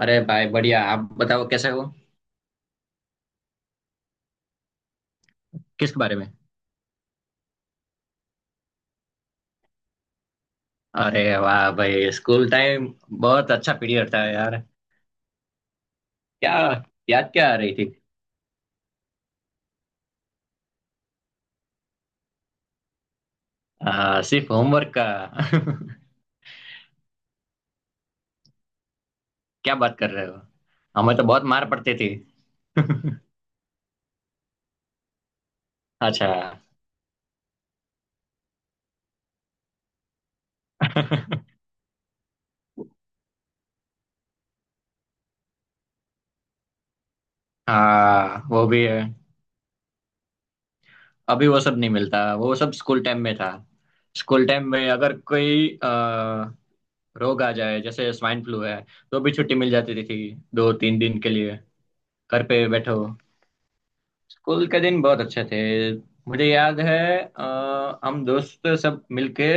अरे भाई बढ़िया। आप बताओ कैसे हो। किस बारे में? अरे वाह भाई, स्कूल टाइम। बहुत अच्छा पीरियड था यार। क्या? याद क्या आ रही थी? सिर्फ होमवर्क का। क्या बात कर रहे हो? हमें तो बहुत मार पड़ती थी। अच्छा। हाँ वो भी है। अभी वो सब नहीं मिलता, वो सब स्कूल टाइम में था। स्कूल टाइम में अगर कोई रोग आ जाए जैसे स्वाइन फ्लू है, तो भी छुट्टी मिल जाती थी 2 3 दिन के लिए। घर पे बैठो। स्कूल के दिन बहुत अच्छे थे। मुझे याद है हम दोस्त सब मिलके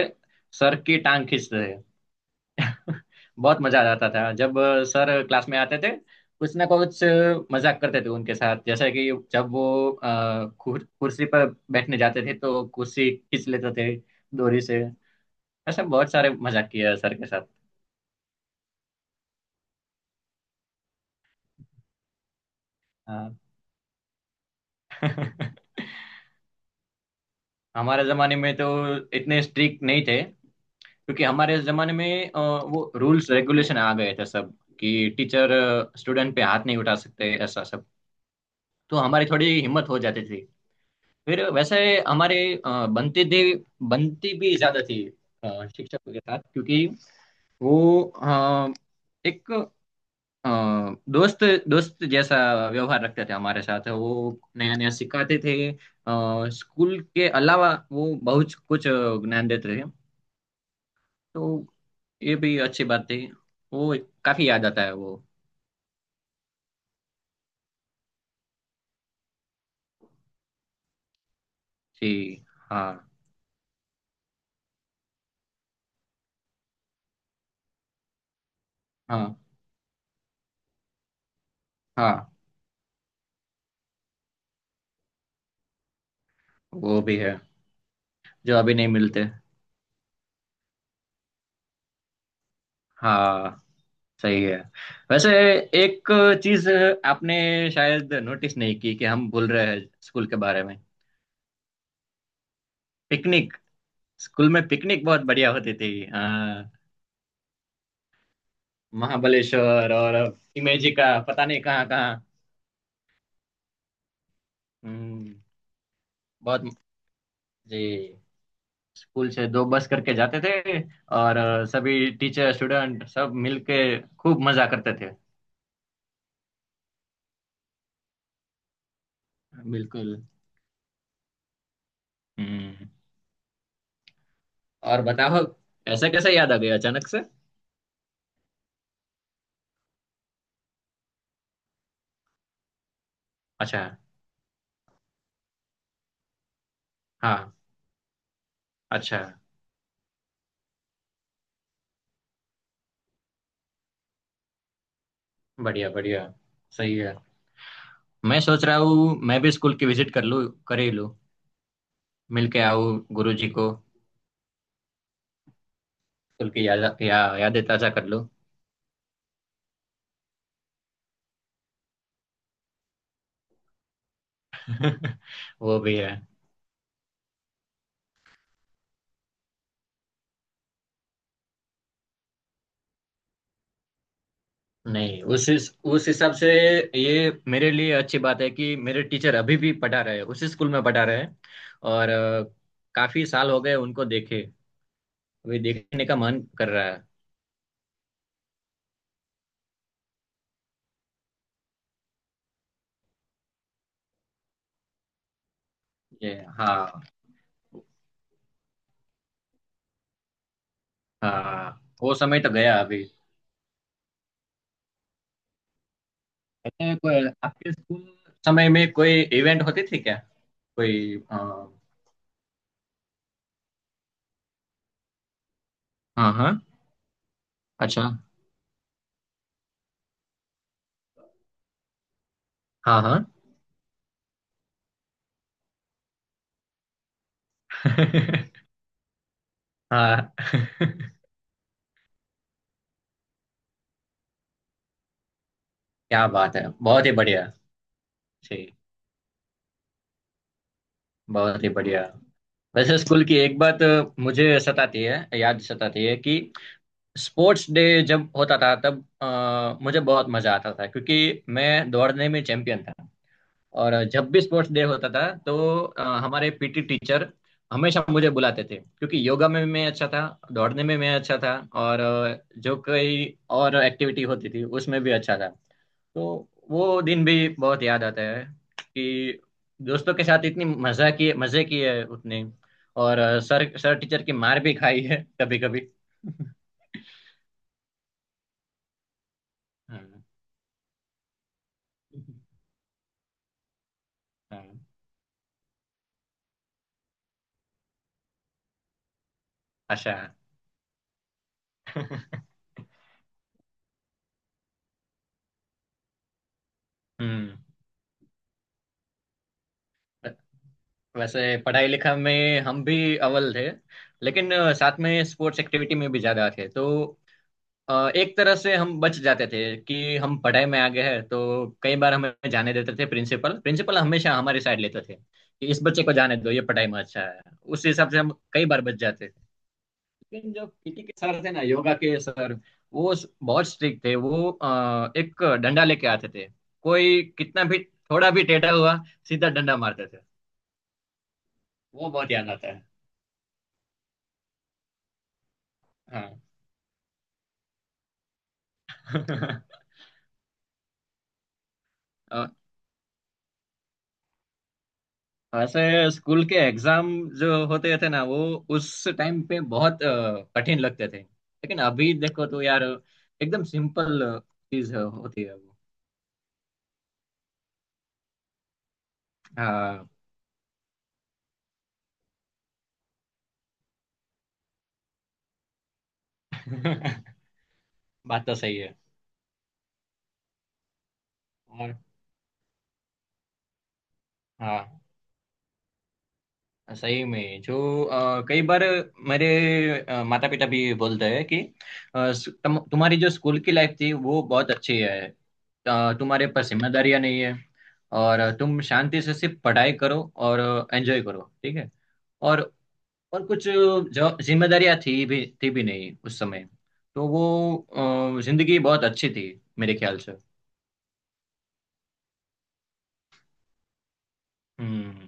सर की टांग खींचते थे। बहुत मजा आ जाता था जब सर क्लास में आते थे। कुछ ना कुछ मजाक करते थे उनके साथ, जैसे कि जब वो कुर्सी पर बैठने जाते थे तो कुर्सी खींच लेते थे डोरी से। ऐसा बहुत सारे मजाक किया है सर के साथ। हाँ। हमारे जमाने में तो इतने स्ट्रिक्ट नहीं थे, क्योंकि हमारे जमाने में वो रूल्स रेगुलेशन आ गए थे सब कि टीचर स्टूडेंट पे हाथ नहीं उठा सकते, ऐसा सब। तो हमारी थोड़ी हिम्मत हो जाती थी फिर वैसे। हमारे बनती थी, बनती भी ज्यादा थी शिक्षकों के साथ, क्योंकि वो एक अ, दोस्त दोस्त जैसा व्यवहार रखते थे हमारे साथ। वो नया नया सिखाते थे स्कूल के अलावा वो बहुत कुछ ज्ञान देते थे, तो ये भी अच्छी बात थी वो। काफी याद आता है वो। जी। हाँ। हाँ। हाँ वो भी है, जो अभी नहीं मिलते। हाँ सही है। वैसे एक चीज आपने शायद नोटिस नहीं की कि हम भूल रहे हैं स्कूल के बारे में। पिकनिक। स्कूल में पिकनिक बहुत बढ़िया होती थी। हाँ महाबलेश्वर और इमेजी का पता नहीं कहाँ कहाँ। हम्म। बहुत। जी। स्कूल से दो बस करके जाते थे और सभी टीचर स्टूडेंट सब मिल के खूब मजा करते थे। बिल्कुल। हम्म। और बताओ, ऐसे कैसे याद आ गया अचानक से? अच्छा। हाँ। अच्छा। बढ़िया बढ़िया। सही है। मैं सोच रहा हूँ मैं भी स्कूल की विजिट कर लूँ, कर ही लूँ। मिल के आऊँ गुरुजी को। स्कूल की यादें ताजा कर लूँ। वो भी है। नहीं उस हिसाब से, ये मेरे लिए अच्छी बात है कि मेरे टीचर अभी भी पढ़ा रहे हैं, उसी स्कूल में पढ़ा रहे हैं। और काफी साल हो गए उनको देखे, अभी देखने का मन कर रहा है। ये हाँ। हाँ वो समय तो गया अभी। अच्छा, कोई आपके स्कूल समय में कोई इवेंट होती थी क्या? कोई हाँ हाँ। अच्छा। हाँ हाँ। हाँ। क्या बात है, बहुत ही बढ़िया। जी। बहुत ही बढ़िया। वैसे स्कूल की एक बात मुझे सताती है, याद सताती है कि स्पोर्ट्स डे जब होता था तब मुझे बहुत मजा आता था, क्योंकि मैं दौड़ने में चैंपियन था। और जब भी स्पोर्ट्स डे होता था तो हमारे पीटी टीचर हमेशा मुझे बुलाते थे, क्योंकि योगा में मैं अच्छा था, दौड़ने में मैं अच्छा था, और जो कई और एक्टिविटी होती थी उसमें भी अच्छा था। तो वो दिन भी बहुत याद आता है कि दोस्तों के साथ इतनी मजा की, मजे किए हैं उतने। और सर सर टीचर की मार भी खाई है कभी कभी। हाँ। हाँ, आशा। हम्म। वैसे पढ़ाई लिखा में हम भी अव्वल थे, लेकिन साथ में स्पोर्ट्स एक्टिविटी में भी ज्यादा थे, तो एक तरह से हम बच जाते थे कि हम पढ़ाई में आगे हैं, तो कई बार हमें जाने देते थे। प्रिंसिपल प्रिंसिपल हमेशा हमारी साइड लेते थे कि इस बच्चे को जाने दो, ये पढ़ाई में अच्छा है। उस हिसाब से हम कई बार बच जाते थे। लेकिन जो पीटी के सर थे ना, योगा के सर, वो बहुत स्ट्रिक्ट थे। वो एक डंडा लेके आते थे। कोई कितना भी थोड़ा भी टेढ़ा हुआ, सीधा डंडा मारते थे। वो बहुत याद आता है। हाँ। ऐसे स्कूल के एग्जाम जो होते थे ना वो, उस टाइम पे बहुत कठिन लगते थे, लेकिन अभी देखो तो यार एकदम सिंपल चीज होती है वो। हाँ। बात तो सही है। और हाँ सही में जो कई बार मेरे माता पिता भी बोलते हैं कि तुम्हारी जो स्कूल की लाइफ थी वो बहुत अच्छी है। तुम्हारे पर जिम्मेदारियां नहीं है, और तुम शांति से सिर्फ पढ़ाई करो और एंजॉय करो, ठीक है। और और कुछ जो जिम्मेदारियां थी भी, थी भी नहीं उस समय, तो वो जिंदगी बहुत अच्छी थी मेरे ख्याल से। हम्म।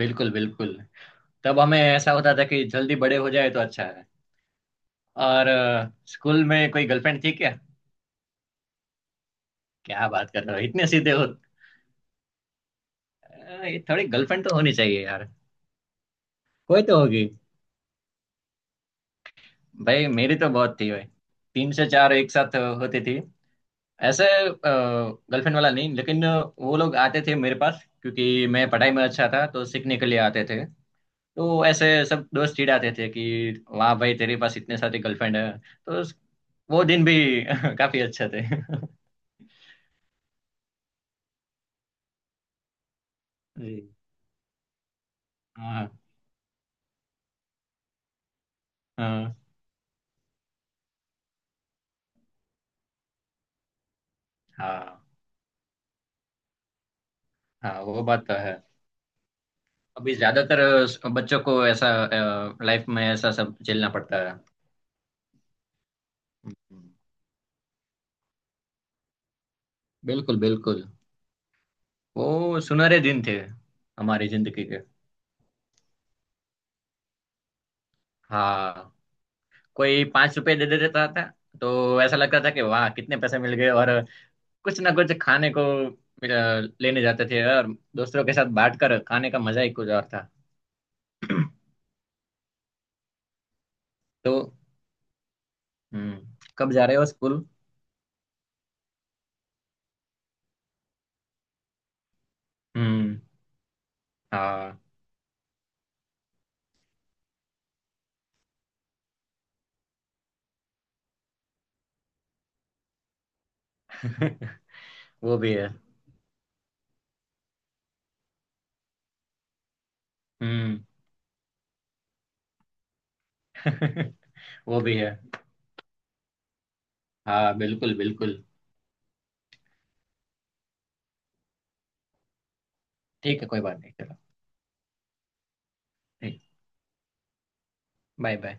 बिल्कुल बिल्कुल। तब हमें ऐसा होता था कि जल्दी बड़े हो जाए तो अच्छा। और स्कूल में कोई गर्लफ्रेंड थी क्या? क्या बात कर रहे हो, इतने सीधे हो! ये थोड़ी गर्लफ्रेंड तो होनी चाहिए यार। कोई तो होगी। भाई मेरी तो बहुत थी भाई, तीन से चार एक साथ होती थी। ऐसे गर्लफ्रेंड वाला नहीं, लेकिन वो लोग आते थे मेरे पास, क्योंकि मैं पढ़ाई में अच्छा था तो सीखने के लिए आते थे। तो ऐसे सब दोस्त चिढ़ाते थे कि वाह भाई, तेरे पास इतने सारे गर्लफ्रेंड है। तो वो दिन भी काफी अच्छे थे। जी। हाँ हाँ हाँ। हाँ, वो बात तो है। अभी ज्यादातर बच्चों को ऐसा, लाइफ में ऐसा सब झेलना पड़ता है। हम्म। बिल्कुल बिल्कुल। वो सुनहरे दिन थे हमारी जिंदगी के। हाँ। कोई 5 रुपए दे देता था तो ऐसा लगता था कि वाह कितने पैसे मिल गए, और कुछ ना कुछ खाने को अ, लेने जाते थे, और दोस्तों के साथ बांट कर खाने का मजा ही कुछ और था। तो हम्म, कब जा रहे हो स्कूल? हम्म। हाँ। वो भी है। हम्म। वो भी है। हाँ बिल्कुल बिल्कुल। ठीक है, कोई बात नहीं, चलो। ठीक। Bye bye.